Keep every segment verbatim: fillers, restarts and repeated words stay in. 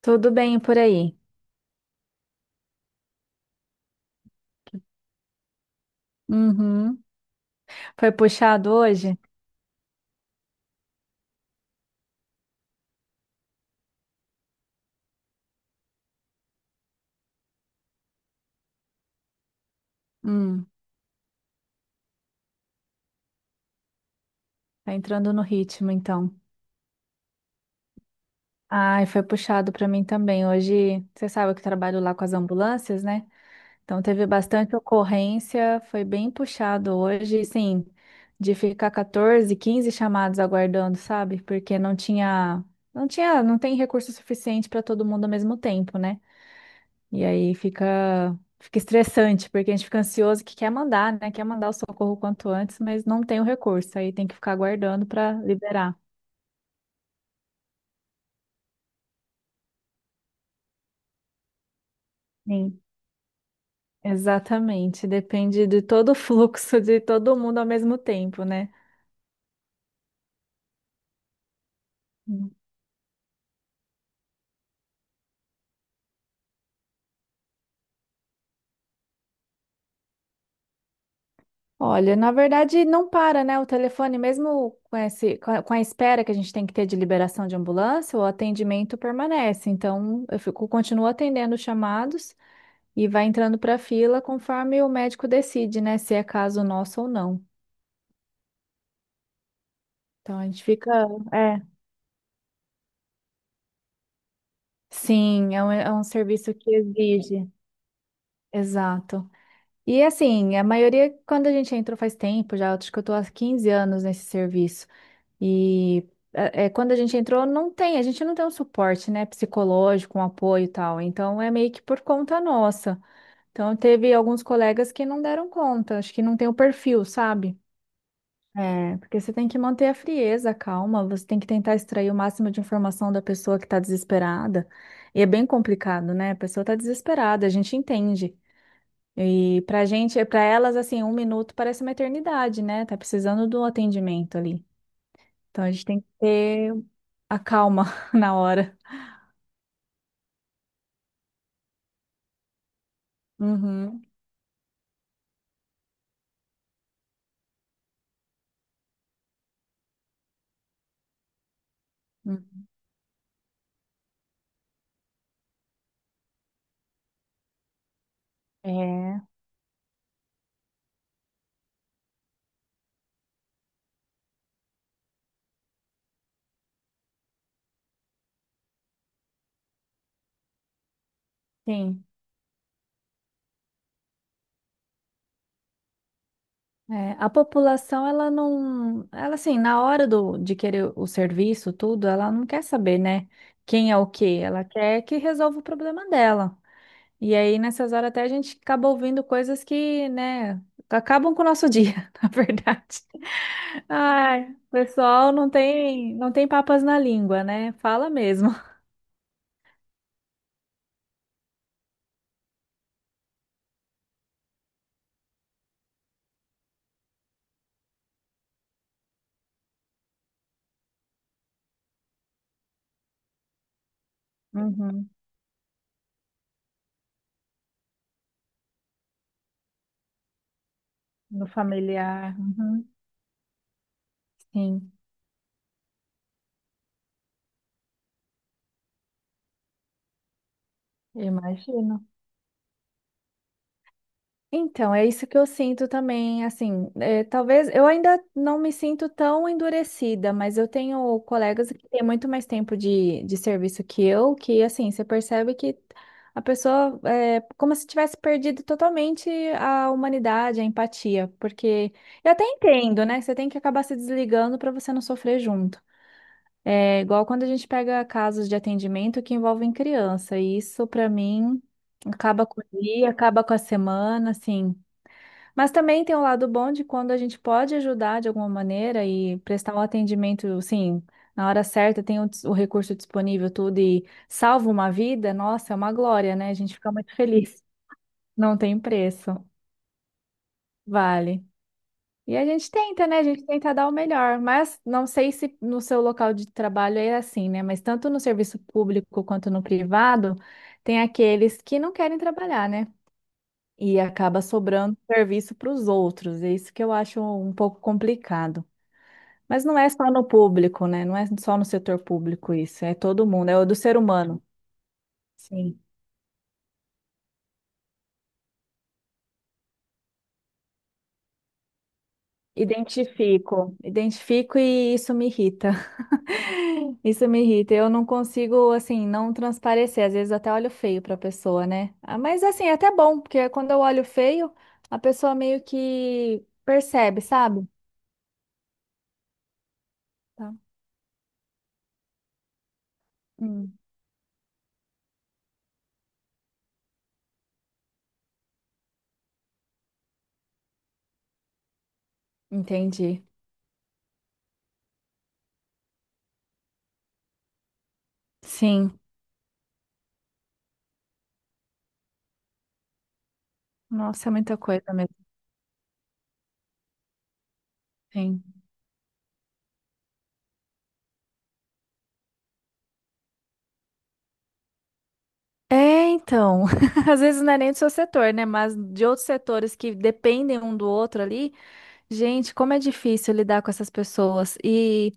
Tudo bem por aí? Uhum. Foi puxado hoje? Hum. Tá entrando no ritmo, então. Ai, foi puxado pra mim também. Hoje, você sabe que eu trabalho lá com as ambulâncias, né? Então teve bastante ocorrência, foi bem puxado hoje, sim, de ficar quatorze, quinze chamados aguardando, sabe? Porque não tinha, não tinha, não tem recurso suficiente para todo mundo ao mesmo tempo, né? E aí fica, fica estressante, porque a gente fica ansioso que quer mandar, né? Quer mandar o socorro quanto antes, mas não tem o recurso. Aí tem que ficar aguardando para liberar. Sim. Exatamente. Depende de todo o fluxo de todo mundo ao mesmo tempo, né? Hum. Olha, na verdade não para, né? O telefone, mesmo com esse, com a com a espera que a gente tem que ter de liberação de ambulância, o atendimento permanece. Então, eu fico, continuo atendendo os chamados. E vai entrando para a fila conforme o médico decide, né, se é caso nosso ou não. Então a gente fica, é, sim, é um, é um serviço que exige, exato. E assim, a maioria, quando a gente entrou faz tempo já, acho que eu tô há quinze anos nesse serviço. E é, é, quando a gente entrou, não tem, a gente não tem um suporte, né, psicológico, um apoio e tal. Então é meio que por conta nossa. Então teve alguns colegas que não deram conta, acho que não tem o perfil, sabe? É, porque você tem que manter a frieza, a calma, você tem que tentar extrair o máximo de informação da pessoa que está desesperada. E é bem complicado, né? A pessoa está desesperada, a gente entende. E pra gente, é, pra elas, assim, um minuto parece uma eternidade, né? Tá precisando do atendimento ali. Então a gente tem que ter a calma na hora. Uhum. Uhum. É, sim. É, a população, ela não, ela assim, na hora do, de querer o serviço, tudo, ela não quer saber, né, quem é o quê, ela quer que resolva o problema dela. E aí, nessas horas, até a gente acaba ouvindo coisas que, né, acabam com o nosso dia, na verdade. Ai, o pessoal não tem, não tem papas na língua, né, fala mesmo. Uhum, no familiar, uhum, sim, imagino. Então, é isso que eu sinto também, assim, é, talvez eu ainda não me sinto tão endurecida, mas eu tenho colegas que têm muito mais tempo de, de serviço que eu, que assim, você percebe que a pessoa é como se tivesse perdido totalmente a humanidade, a empatia, porque eu até entendo, né? Você tem que acabar se desligando para você não sofrer junto. É igual quando a gente pega casos de atendimento que envolvem criança, e isso para mim acaba com o dia, acaba com a semana, assim. Mas também tem o lado bom de quando a gente pode ajudar de alguma maneira e prestar um atendimento, assim, na hora certa, tem o, dis- o recurso disponível, tudo, e salva uma vida, nossa, é uma glória, né? A gente fica muito feliz. Não tem preço, vale. E a gente tenta, né? A gente tenta dar o melhor, mas não sei se no seu local de trabalho é assim, né? Mas tanto no serviço público quanto no privado, tem aqueles que não querem trabalhar, né? E acaba sobrando serviço para os outros. É isso que eu acho um pouco complicado. Mas não é só no público, né? Não é só no setor público isso, é todo mundo, é o do ser humano. Sim. Identifico, identifico e isso me irrita. Isso me irrita. Eu não consigo, assim, não transparecer. Às vezes até olho feio para a pessoa, né? Ah, mas, assim, é até bom, porque quando eu olho feio, a pessoa meio que percebe, sabe? Tá. Hum. Entendi. Sim. Nossa, é muita coisa mesmo. Sim. É, então. Às vezes não é nem do seu setor, né? Mas de outros setores que dependem um do outro ali. Gente, como é difícil lidar com essas pessoas. E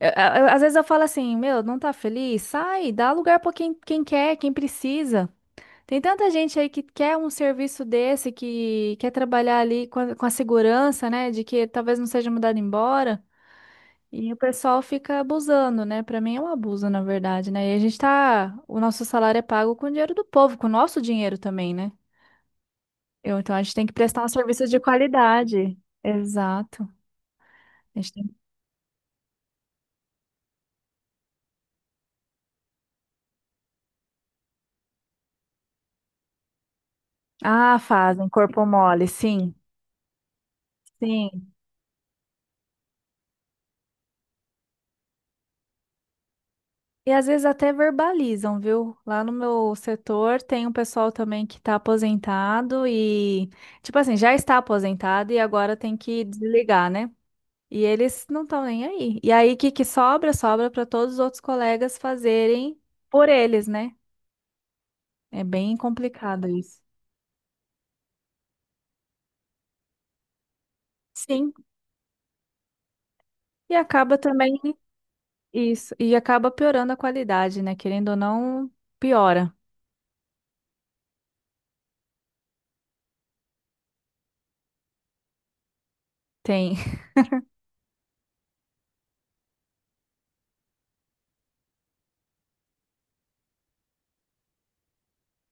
eu- eu- às vezes eu falo assim: meu, não tá feliz? Sai, dá lugar pra quem, quem quer, quem precisa. Tem tanta gente aí que quer um serviço desse, que quer trabalhar ali com a, com a segurança, né? De que talvez não seja mudado embora. E o pessoal fica abusando, né? Pra mim é um abuso, na verdade, né? E a gente tá. O nosso salário é pago com o dinheiro do povo, com o nosso dinheiro também, né? Eu- então a gente tem que prestar um serviço de qualidade. Exato. A gente tem- Ah, fazem corpo mole, sim. Sim. E às vezes até verbalizam, viu? Lá no meu setor tem um pessoal também que tá aposentado e, tipo assim, já está aposentado e agora tem que desligar, né? E eles não estão nem aí. E aí, o que que sobra? Sobra para todos os outros colegas fazerem por eles, né? É bem complicado isso. Sim, e acaba também isso, e acaba piorando a qualidade, né? Querendo ou não, piora. Tem,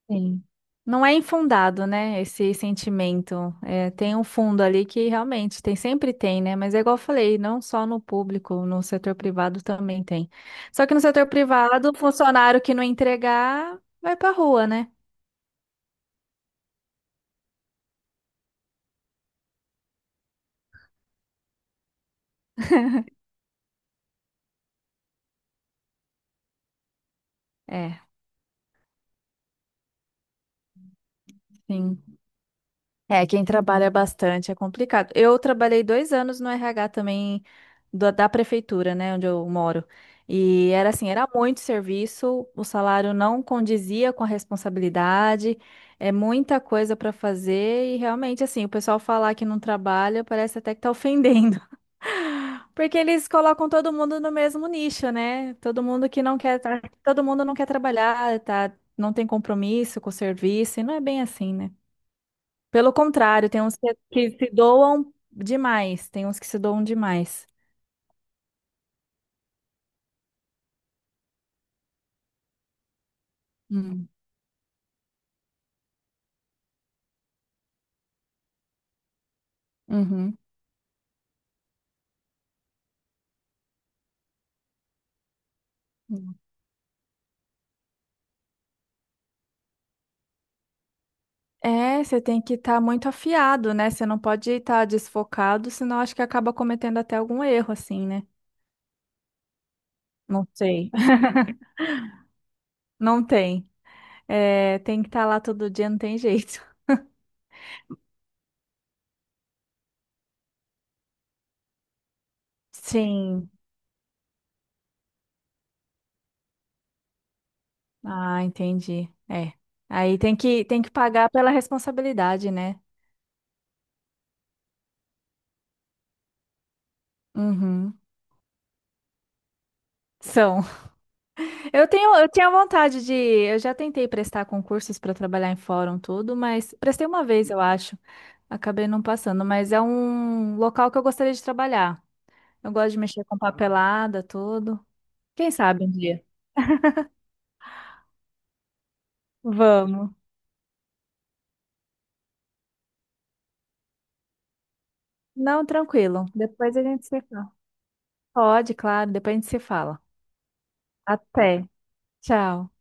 tem. Não é infundado, né? Esse sentimento. É, tem um fundo ali que realmente tem, sempre tem, né? Mas é igual eu falei, não só no público, no setor privado também tem. Só que no setor privado, o funcionário que não entregar vai pra rua, né? É, sim. É, quem trabalha bastante é complicado. Eu trabalhei dois anos no R H também da da prefeitura, né, onde eu moro. E era assim, era muito serviço, o salário não condizia com a responsabilidade, é muita coisa para fazer e realmente assim, o pessoal falar que não trabalha parece até que tá ofendendo. Porque eles colocam todo mundo no mesmo nicho, né? Todo mundo que não quer, tra- todo mundo não quer trabalhar, tá? Não tem compromisso com o serviço, e não é bem assim, né? Pelo contrário, tem uns que, que se doam demais. Tem uns que se doam demais. Hum, uhum. Hum. É, você tem que estar muito afiado, né? Você não pode estar desfocado, senão acho que acaba cometendo até algum erro, assim, né? Não sei. Não tem. É, tem que estar lá todo dia, não tem jeito. Sim. Ah, entendi. É. Aí tem que, tem que, pagar pela responsabilidade, né? Uhum. São. Eu tenho, eu tinha vontade de. Eu já tentei prestar concursos para trabalhar em fórum, tudo, mas prestei uma vez, eu acho. Acabei não passando, mas é um local que eu gostaria de trabalhar. Eu gosto de mexer com papelada, tudo. Quem sabe um dia? Vamos. Não, tranquilo. Depois a gente se fala. Pode, claro, depois a gente se fala. Até. Tchau.